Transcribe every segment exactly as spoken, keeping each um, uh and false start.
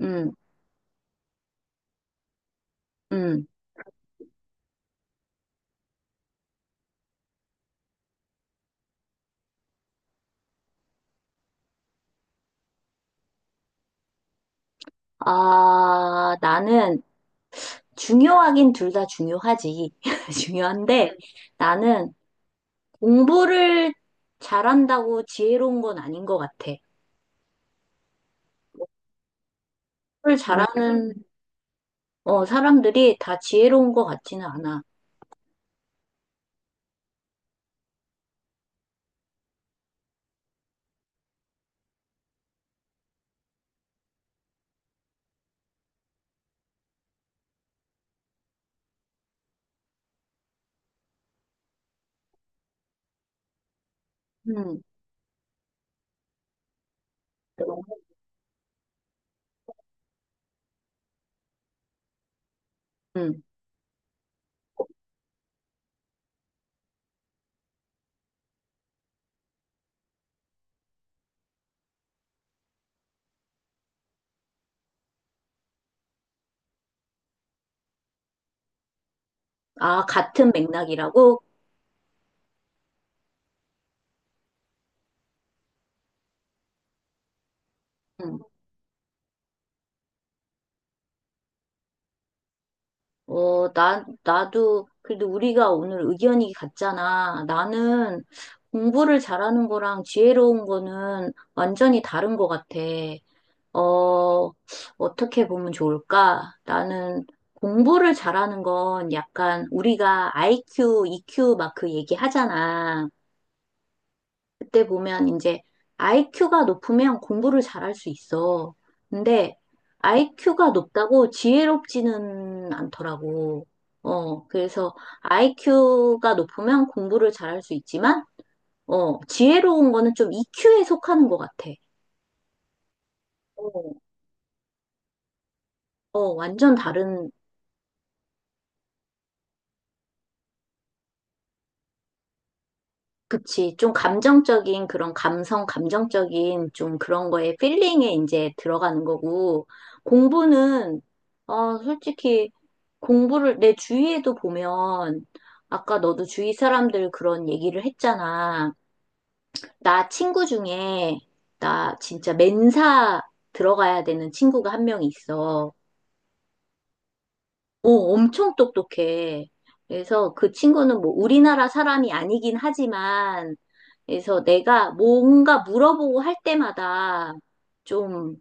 음, 음. 아, 나는 중요하긴 둘 다 중요하지. 중요한데 음. 나는 공부를 잘한다고 지혜로운 건 아닌 것 같아. 공부를 음, 잘하는 어, 사람들이 다 지혜로운 것 같지는 않아. 음, 음. 아, 같은 맥락이라고? 음. 어, 나, 나도 그래도 우리가 오늘 의견이 같잖아. 나는 공부를 잘하는 거랑 지혜로운 거는 완전히 다른 것 같아. 어, 어떻게 보면 좋을까? 나는 공부를 잘하는 건 약간 우리가 아이큐, 이큐 막 그 얘기 하잖아. 그때 보면 이제 아이큐가 높으면 공부를 잘할 수 있어. 근데 아이큐가 높다고 지혜롭지는 않더라고. 어, 그래서 아이큐가 높으면 공부를 잘할 수 있지만, 어, 지혜로운 거는 좀 이큐에 속하는 것 같아. 어, 어, 완전 다른 그치. 좀 감정적인 그런 감성, 감정적인 좀 그런 거에 필링에 이제 들어가는 거고, 공부는, 어, 솔직히 공부를 내 주위에도 보면, 아까 너도 주위 사람들 그런 얘기를 했잖아. 나 친구 중에, 나 진짜 맨사 들어가야 되는 친구가 한 명 있어. 어, 엄청 똑똑해. 그래서 그 친구는 뭐 우리나라 사람이 아니긴 하지만, 그래서 내가 뭔가 물어보고 할 때마다 좀,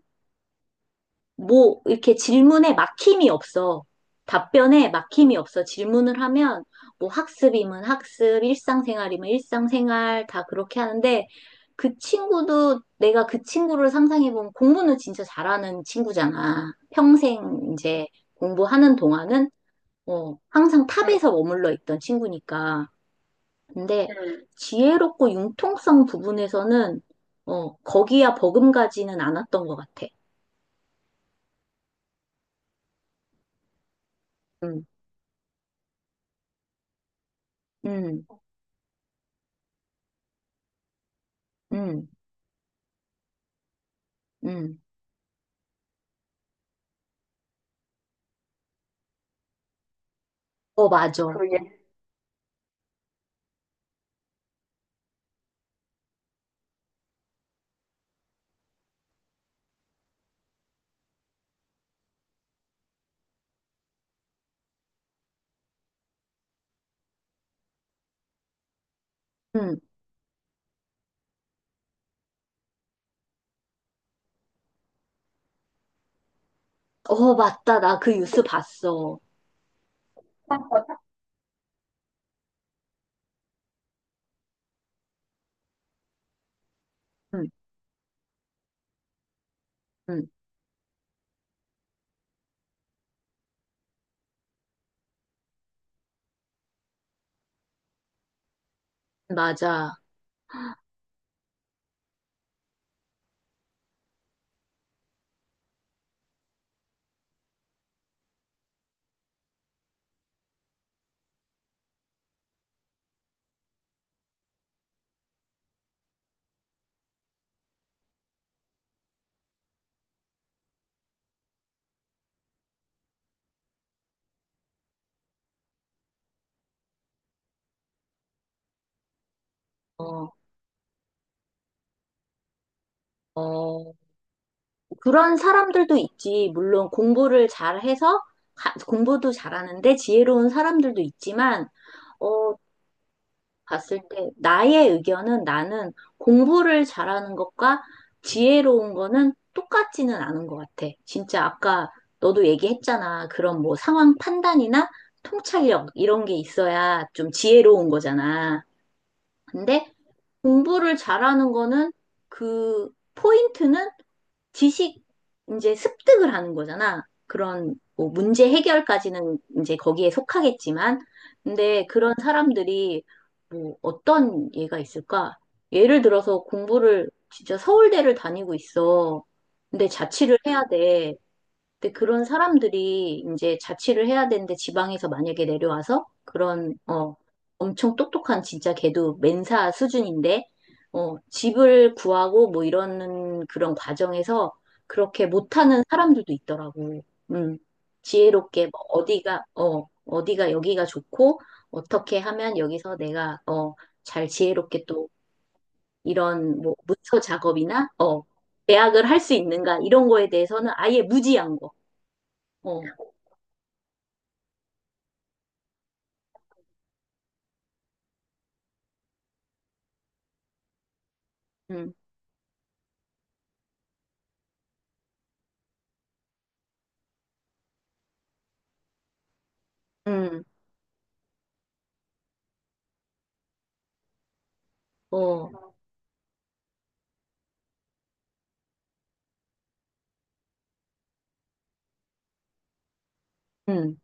뭐, 이렇게 질문에 막힘이 없어. 답변에 막힘이 없어. 질문을 하면, 뭐 학습이면 학습, 일상생활이면 일상생활, 다 그렇게 하는데, 그 친구도 내가 그 친구를 상상해보면 공부는 진짜 잘하는 친구잖아. 평생 이제 공부하는 동안은. 어, 항상 응, 탑에서 머물러 있던 친구니까. 근데 응. 지혜롭고 융통성 부분에서는, 어, 거기야 버금가지는 않았던 것 같아. 음, 음, 음, 음. 어, 맞아. 그리고 얘, 음, 어, 맞다. 나 그 뉴스 봤어. 음, 음, 맞아. 어, 어, 그런 사람들도 있지. 물론 공부를 잘해서 가- 공부도 잘하는데 지혜로운 사람들도 있지만, 어, 봤을 때 나의 의견은 나는 공부를 잘하는 것과 지혜로운 거는 똑같지는 않은 것 같아. 진짜 아까 너도 얘기했잖아. 그런 뭐 상황 판단이나 통찰력 이런 게 있어야 좀 지혜로운 거잖아. 근데 공부를 잘하는 거는 그 포인트는 지식 이제 습득을 하는 거잖아. 그런 뭐 문제 해결까지는 이제 거기에 속하겠지만, 근데 그런 사람들이 뭐 어떤 예가 있을까? 예를 들어서 공부를 진짜 서울대를 다니고 있어. 근데 자취를 해야 돼. 근데 그런 사람들이 이제 자취를 해야 되는데 지방에서 만약에 내려와서 그런, 어, 엄청 똑똑한 진짜 걔도 멘사 수준인데, 어, 집을 구하고 뭐 이러는 그런 과정에서 그렇게 못하는 사람들도 있더라고. 음, 지혜롭게 뭐 어디가, 어, 어디가 여기가 좋고, 어떻게 하면 여기서 내가, 어, 잘 지혜롭게 또 이런 뭐 문서 작업이나, 어, 계약을 할 수 있는가 이런 거에 대해서는 아예 무지한 거. 어. 음, 음, 어, 음.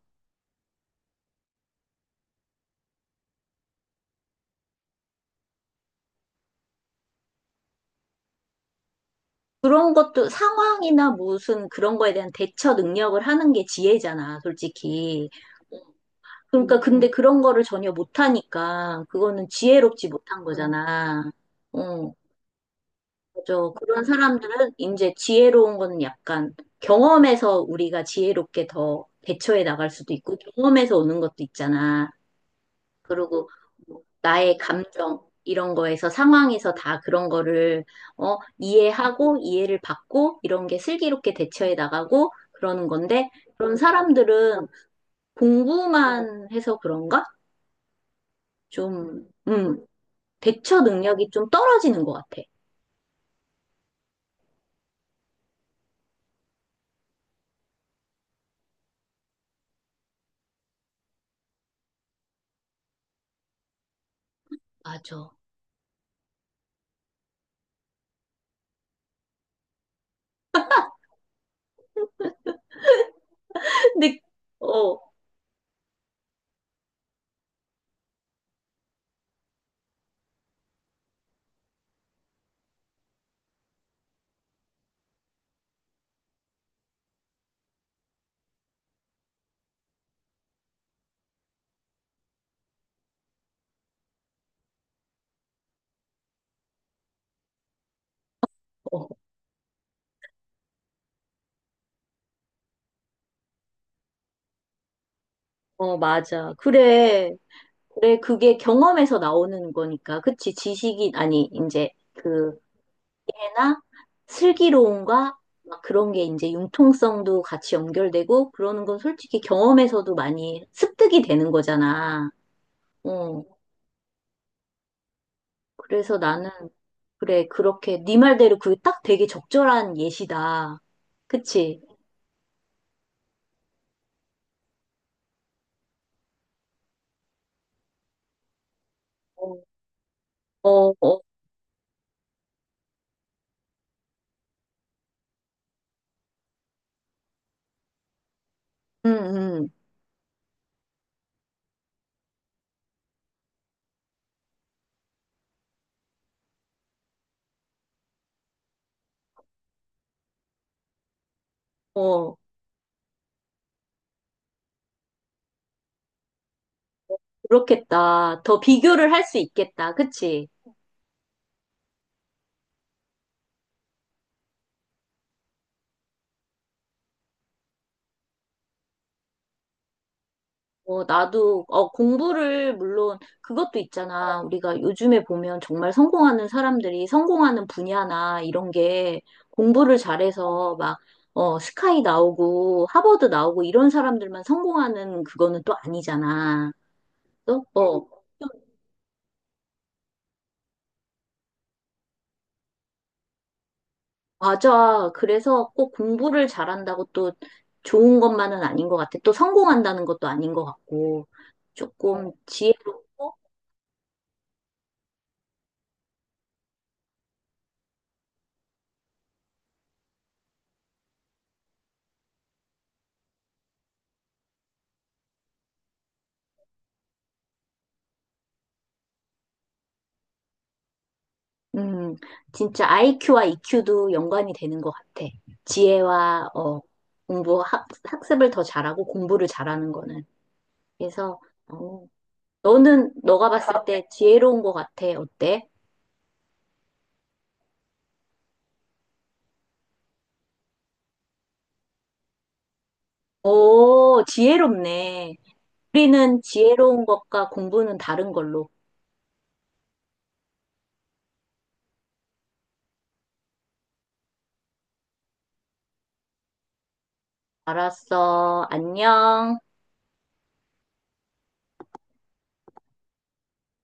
그런 것도 상황이나 무슨 그런 거에 대한 대처 능력을 하는 게 지혜잖아, 솔직히. 그러니까 근데 음, 그런 거를 전혀 못하니까 그거는 지혜롭지 못한 음, 거잖아. 어, 맞아. 그런 사람들은 이제 지혜로운 거는 약간 경험에서 우리가 지혜롭게 더 대처해 나갈 수도 있고 경험에서 오는 것도 있잖아. 그리고 뭐 나의 감정 이런 거에서 상황에서 다 그런 거를 어, 이해하고 이해를 받고 이런 게 슬기롭게 대처해 나가고 그러는 건데 그런 사람들은 공부만 해서 그런가? 좀, 음, 대처 능력이 좀 떨어지는 것 같아. 맞아. 근데, 어, 어, 어, 맞아. 그래. 그래, 그게 경험에서 나오는 거니까. 그치, 지식이, 아니, 이제, 그, 나 슬기로움과 막 그런 게 이제 융통성도 같이 연결되고 그러는 건 솔직히 경험에서도 많이 습득이 되는 거잖아. 어, 그래서 나는 그래 그렇게 네 말대로 그게 딱 되게 적절한 예시다. 그치? 어, 어, 어, 음, 음, 어, 그렇겠다. 더 비교를 할 수 있겠다. 그치? 어, 나도, 어, 공부를, 물론, 그것도 있잖아. 우리가 요즘에 보면 정말 성공하는 사람들이 성공하는 분야나 이런 게 공부를 잘해서 막, 어, 스카이 나오고, 하버드 나오고, 이런 사람들만 성공하는 그거는 또 아니잖아. 또, 어, 맞아. 그래서 꼭 공부를 잘한다고 또 좋은 것만은 아닌 것 같아. 또 성공한다는 것도 아닌 것 같고, 조금 지혜롭고, 음, 진짜 아이큐와 이큐도 연관이 되는 것 같아. 지혜와 어, 공부 학, 학습을 더 잘하고 공부를 잘하는 거는. 그래서 어, 너는 너가 봤을 때 지혜로운 것 같아. 어때? 오, 지혜롭네. 우리는 지혜로운 것과 공부는 다른 걸로. 알았어. 안녕.